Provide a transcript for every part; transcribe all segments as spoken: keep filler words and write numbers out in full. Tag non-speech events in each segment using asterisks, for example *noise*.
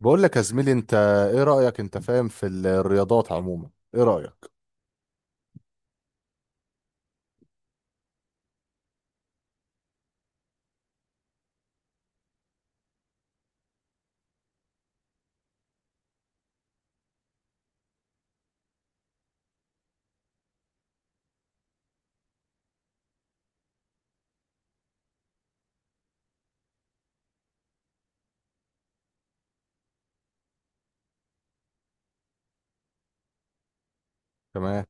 بقول لك يا زميلي انت، ايه رأيك؟ انت فاهم في الرياضات عموما؟ ايه رأيك؟ تمام.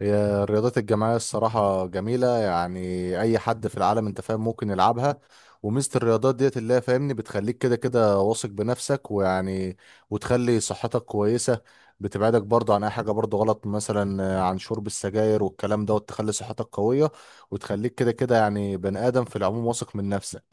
هي الرياضات الجماعية الصراحة جميلة، يعني أي حد في العالم أنت فاهم ممكن يلعبها. وميزة الرياضات ديت اللي هي فاهمني بتخليك كده كده واثق بنفسك، ويعني وتخلي صحتك كويسة. بتبعدك برضه عن أي حاجة برضه غلط، مثلا آه، عن شرب السجاير والكلام ده، وتخلي صحتك قوية، وتخليك كده كده يعني بني آدم في العموم واثق من نفسك.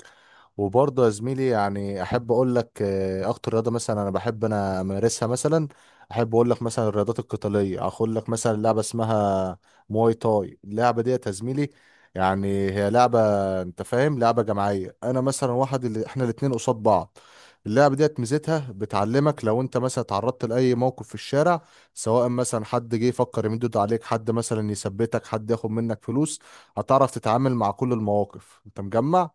وبرضه يا زميلي، يعني أحب أقول لك آه، أكتر رياضة مثلا أنا بحب أنا أمارسها. مثلا احب اقول لك مثلا الرياضات القتاليه، اقول لك مثلا لعبه اسمها مواي تاي. اللعبه دي يا زميلي، يعني هي لعبه، انت فاهم لعبه جماعيه، انا مثلا واحد اللي احنا الاتنين قصاد بعض. اللعبه ديت ميزتها بتعلمك لو انت مثلا اتعرضت لاي موقف في الشارع، سواء مثلا حد جه يفكر يمد ايده عليك، حد مثلا يثبتك، حد ياخد منك فلوس، هتعرف تتعامل مع كل المواقف. انت مجمع؟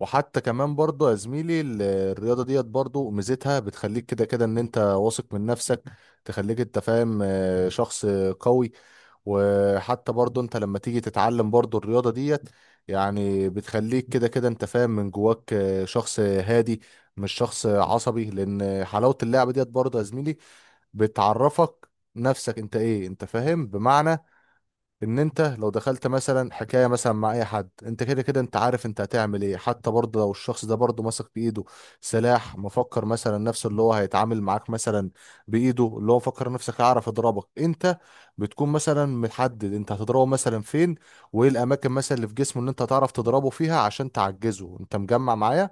وحتى كمان برضه يا زميلي، ال- الرياضة ديت برضه ميزتها بتخليك كده كده ان انت واثق من نفسك، تخليك انت فاهم آه، شخص قوي. وحتى برضه انت لما تيجي تتعلم برضه الرياضة ديت، يعني بتخليك كده كده انت فاهم من جواك آه، شخص هادي مش شخص عصبي. لان حلاوة اللعبة ديت برضه يا زميلي بتعرفك نفسك انت ايه، انت فاهم؟ بمعنى ان انت لو دخلت مثلا حكايه مثلا مع اي حد، انت كده كده انت عارف انت هتعمل ايه. حتى برضه لو الشخص ده برضه ماسك بايده سلاح، مفكر مثلا نفسه اللي هو هيتعامل معاك مثلا بايده، اللي هو فكر نفسك هيعرف يضربك انت، بتكون مثلا محدد انت هتضربه مثلا فين، وايه الاماكن مثلا اللي في جسمه ان انت هتعرف تضربه فيها عشان تعجزه. انت مجمع معايا؟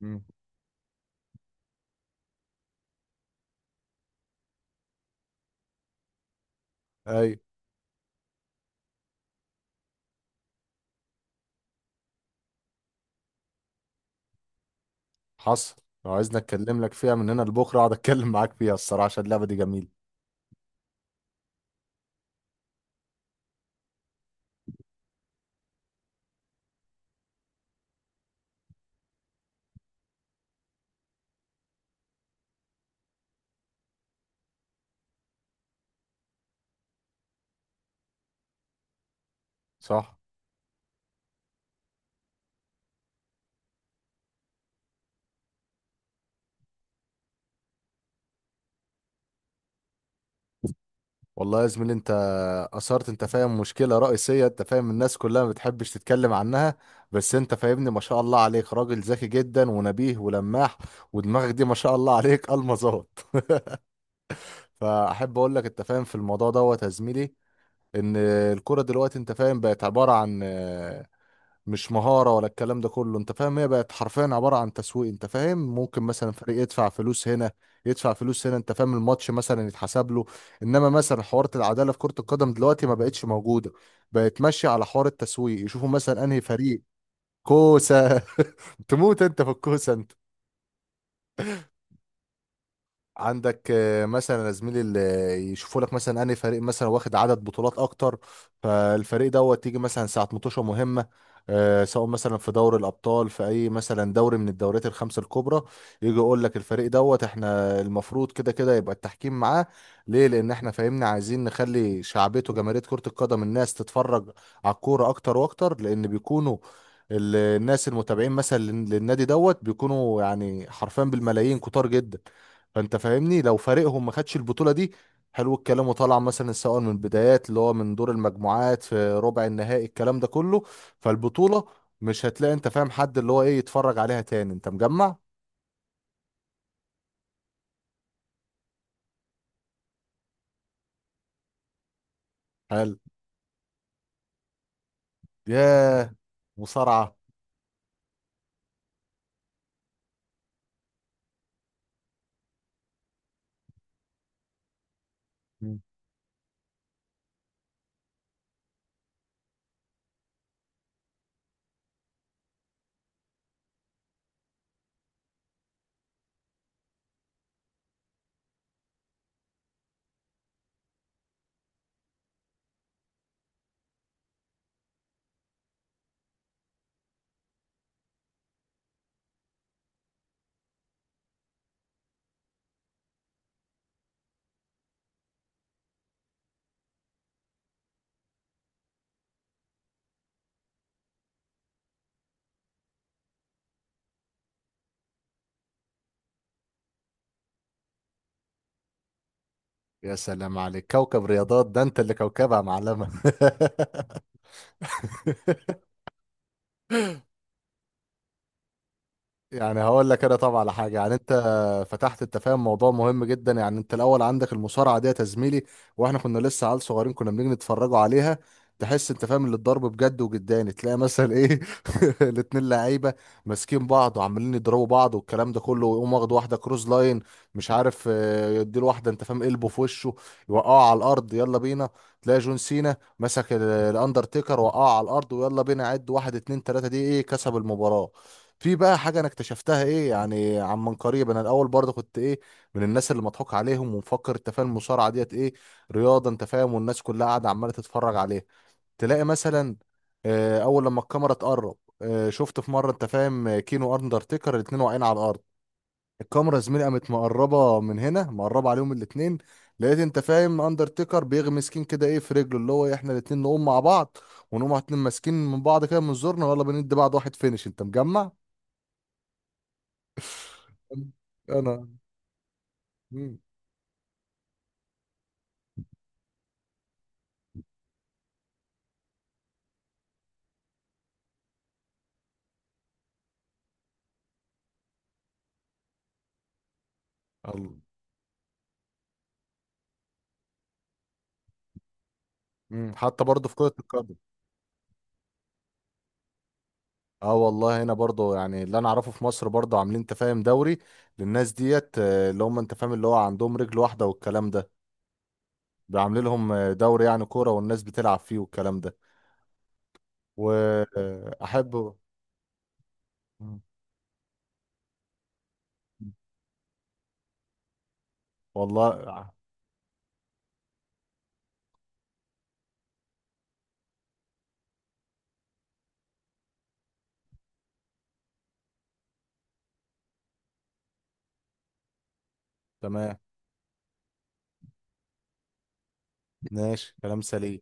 مم. اي، حصل. لو عايزني اتكلم لك فيها من هنا لبكره اقعد اتكلم معاك فيها، الصراحه عشان اللعبه دي جميله. صح، والله يا زميلي انت اثرت انت فاهم مشكله رئيسيه انت فاهم الناس كلها ما بتحبش تتكلم عنها. بس انت فاهمني، ما شاء الله عليك راجل ذكي جدا ونبيه ولماح، ودماغك دي ما شاء الله عليك المظات. *laughs* فاحب اقول لك انت فاهم في الموضوع دوت يا زميلي، ان الكوره دلوقتي انت فاهم بقت عباره عن، مش مهارة ولا الكلام ده كله، انت فاهم هي بقت حرفيا عبارة عن تسويق. انت فاهم ممكن مثلا فريق يدفع فلوس هنا، يدفع فلوس هنا، انت فاهم الماتش مثلا يتحسب له. انما مثلا حوارة العدالة في كرة القدم دلوقتي ما بقتش موجودة، بقت ماشية على حوار التسويق، يشوفوا مثلا انهي فريق. كوسة. *laughs* تموت انت في الكوسة. عندك آه، مثلا يا زميلي اللي يشوفوا لك مثلا انهي فريق مثلا واخد عدد بطولات اكتر، فالفريق دوت تيجي مثلا ساعه مطوشه مهمه، آه، سواء مثلا في دوري الابطال، في اي مثلا دوري من الدوريات الخمسه الكبرى، يجي يقول لك الفريق دوت احنا المفروض كده كده يبقى التحكيم معاه. ليه؟ لان احنا فاهمنا عايزين نخلي شعبيته جماهيريه كره القدم، الناس تتفرج على الكوره اكتر واكتر، لان بيكونوا ال- الناس المتابعين مثلا للنادي دوت بيكونوا يعني حرفيا بالملايين كتار جدا. فانت فاهمني لو فريقهم ما خدش البطوله دي، حلو الكلام، وطلع مثلا سواء من البدايات اللي هو من دور المجموعات، في ربع النهائي، الكلام ده كله، فالبطوله مش هتلاقي انت فاهم حد اللي هو ايه يتفرج عليها تاني. انت مجمع؟ حلو. ياه. مصارعه. مم. يا سلام عليك، كوكب رياضات ده انت اللي كوكبها معلمه. *laughs* يعني هقول لك انا طبعا على حاجه، يعني انت فتحت انت فاهم موضوع مهم جدا. يعني انت الاول عندك المصارعه ديت يا زميلي، واحنا كنا لسه عيال صغيرين كنا بنيجي نتفرجوا عليها، تحس انت فاهم اللي الضرب بجد وجداني، تلاقي مثلا ايه، *laughs* الاتنين لعيبه ماسكين بعض وعمالين يضربوا بعض والكلام ده كله، ويقوم واخد واحده كروز لاين، مش عارف آه، يديله واحده انت فاهم قلبه في وشه، يوقعه على الارض، يلا بينا. تلاقي جون سينا مسك ال- الاندرتيكر، وقعه على الارض ويلا بينا عد واحد اتنين تلاته، دي ايه؟ كسب المباراه. في بقى حاجة أنا اكتشفتها إيه يعني عن من قريب، أنا الأول برضه كنت إيه، من الناس اللي مضحوك عليهم ومفكر أنت فاهم المصارعة ديت إيه رياضة، أنت فاهم والناس كلها قاعدة عمالة تتفرج عليها. تلاقي مثلا آه، أول لما الكاميرا تقرب، آه، شفت في مرة أنت فاهم آه، كينو أندرتيكر الاتنين واقعين على الأرض، الكاميرا زميلي قامت مقربة من هنا، مقربة عليهم الاتنين، لقيت أنت فاهم أندرتيكر بيغمس كين كده إيه في رجله، اللي هو إيه، إحنا الاتنين نقوم مع بعض، ونقوم إحنا الاتنين ماسكين من بعض كده من زورنا، ويلا بندي بعض واحد فينش. أنت مجمع؟ انا. مم. ال- مم. حتى برضه في كرة القدم. اه والله، هنا برضه يعني اللي انا اعرفه في مصر برضه عاملين انت فاهم دوري للناس ديت، آه، اللي هم انت فاهم اللي هو عندهم رجل واحدة والكلام ده، عاملين لهم آه، دوري يعني كورة، والناس بتلعب فيه والكلام ده. واحب. والله آه، تمام، ماشي، كلام سليم.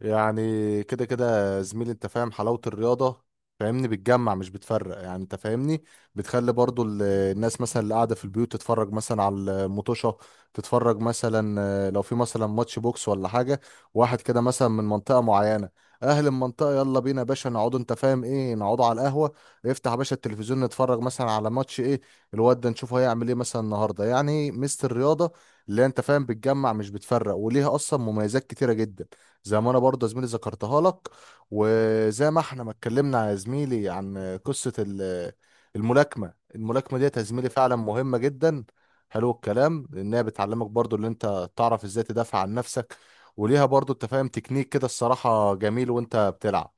يعني كده كده يا زميلي انت فاهم حلاوة الرياضة فاهمني بتجمع مش بتفرق. يعني انت فاهمني بتخلي برضو ال- الناس مثلا اللي قاعدة في البيوت تتفرج مثلا على المطوشة، تتفرج مثلا آه، لو في مثلا ماتش بوكس ولا حاجة، واحد كده مثلا من منطقة معينة، اهل المنطقة يلا بينا يا باشا نقعدوا انت فاهم ايه نقعدوا على القهوة، افتح يا باشا التلفزيون نتفرج مثلا على ماتش ايه، الواد ده نشوفه هيعمل ايه مثلا النهاردة. يعني ميزة الرياضة اللي هي انت فاهم بتجمع مش بتفرق، وليها اصلا مميزات كتيرة جدا، زي ما انا برضه يا زميلي ذكرتها لك. وزي ما احنا ما اتكلمنا يا زميلي عن قصة ال- الملاكمة، الملاكمة ديت يا زميلي فعلا مهمة جدا، حلو الكلام، لانها بتعلمك برضه اللي انت تعرف ازاي تدافع عن نفسك، وليها برضه انت فاهم تكنيك كده الصراحة جميل وانت بتلعب.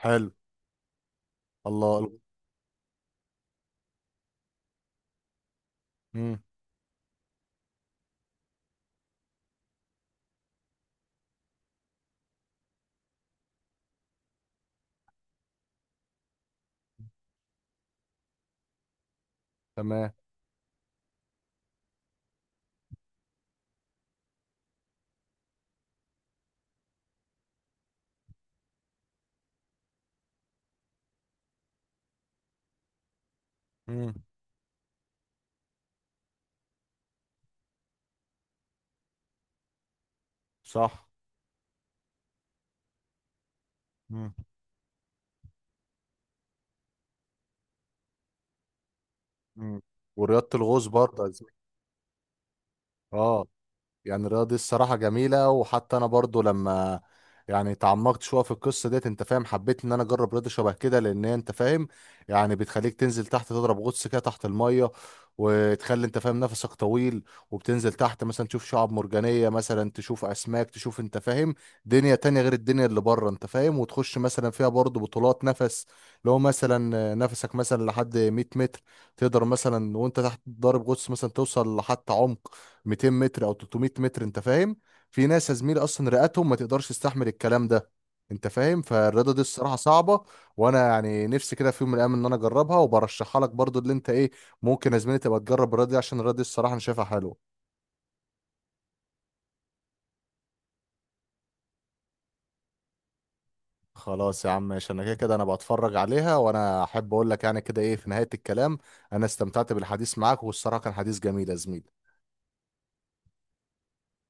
حلو. الله. امم. تمام. امم. صح. امم. والرياضة الغوص برضه يا زميلي، اه يعني الرياضة دي الصراحة جميلة. وحتى أنا برضو لما يعني تعمقت شوية في القصة ديت أنت فاهم حبيت إن أنا أجرب رياضة شبه كده، لأن هي أنت فاهم يعني بتخليك تنزل تحت تضرب غطس كده تحت المية، وتخلي أنت فاهم نفسك طويل، وبتنزل تحت مثلا تشوف شعاب مرجانية مثلا، تشوف أسماك، تشوف أنت فاهم دنيا تانية غير الدنيا اللي بره، أنت فاهم وتخش مثلا فيها برضو بطولات نفس. لو مثلا نفسك مثلا لحد مية متر، تقدر مثلا وأنت تحت ضارب غطس مثلا توصل لحتى عمق ميتين متر او تلتمية متر. انت فاهم في ناس يا زميلي اصلا رئتهم ما تقدرش تستحمل الكلام ده. انت فاهم فالرياضه دي الصراحه صعبه. وانا يعني نفسي كده في يوم من الايام ان انا اجربها، وبرشحها لك برضو اللي انت ايه، ممكن يا زميلي تبقى تجرب الرياضه دي، عشان الرياضه دي الصراحه انا شايفها حلوه. خلاص يا عم ماشي، انا كده كده انا بتفرج عليها. وانا احب اقول لك يعني كده ايه في نهايه الكلام، انا استمتعت بالحديث معاك، والصراحه كان حديث جميل يا زميلي.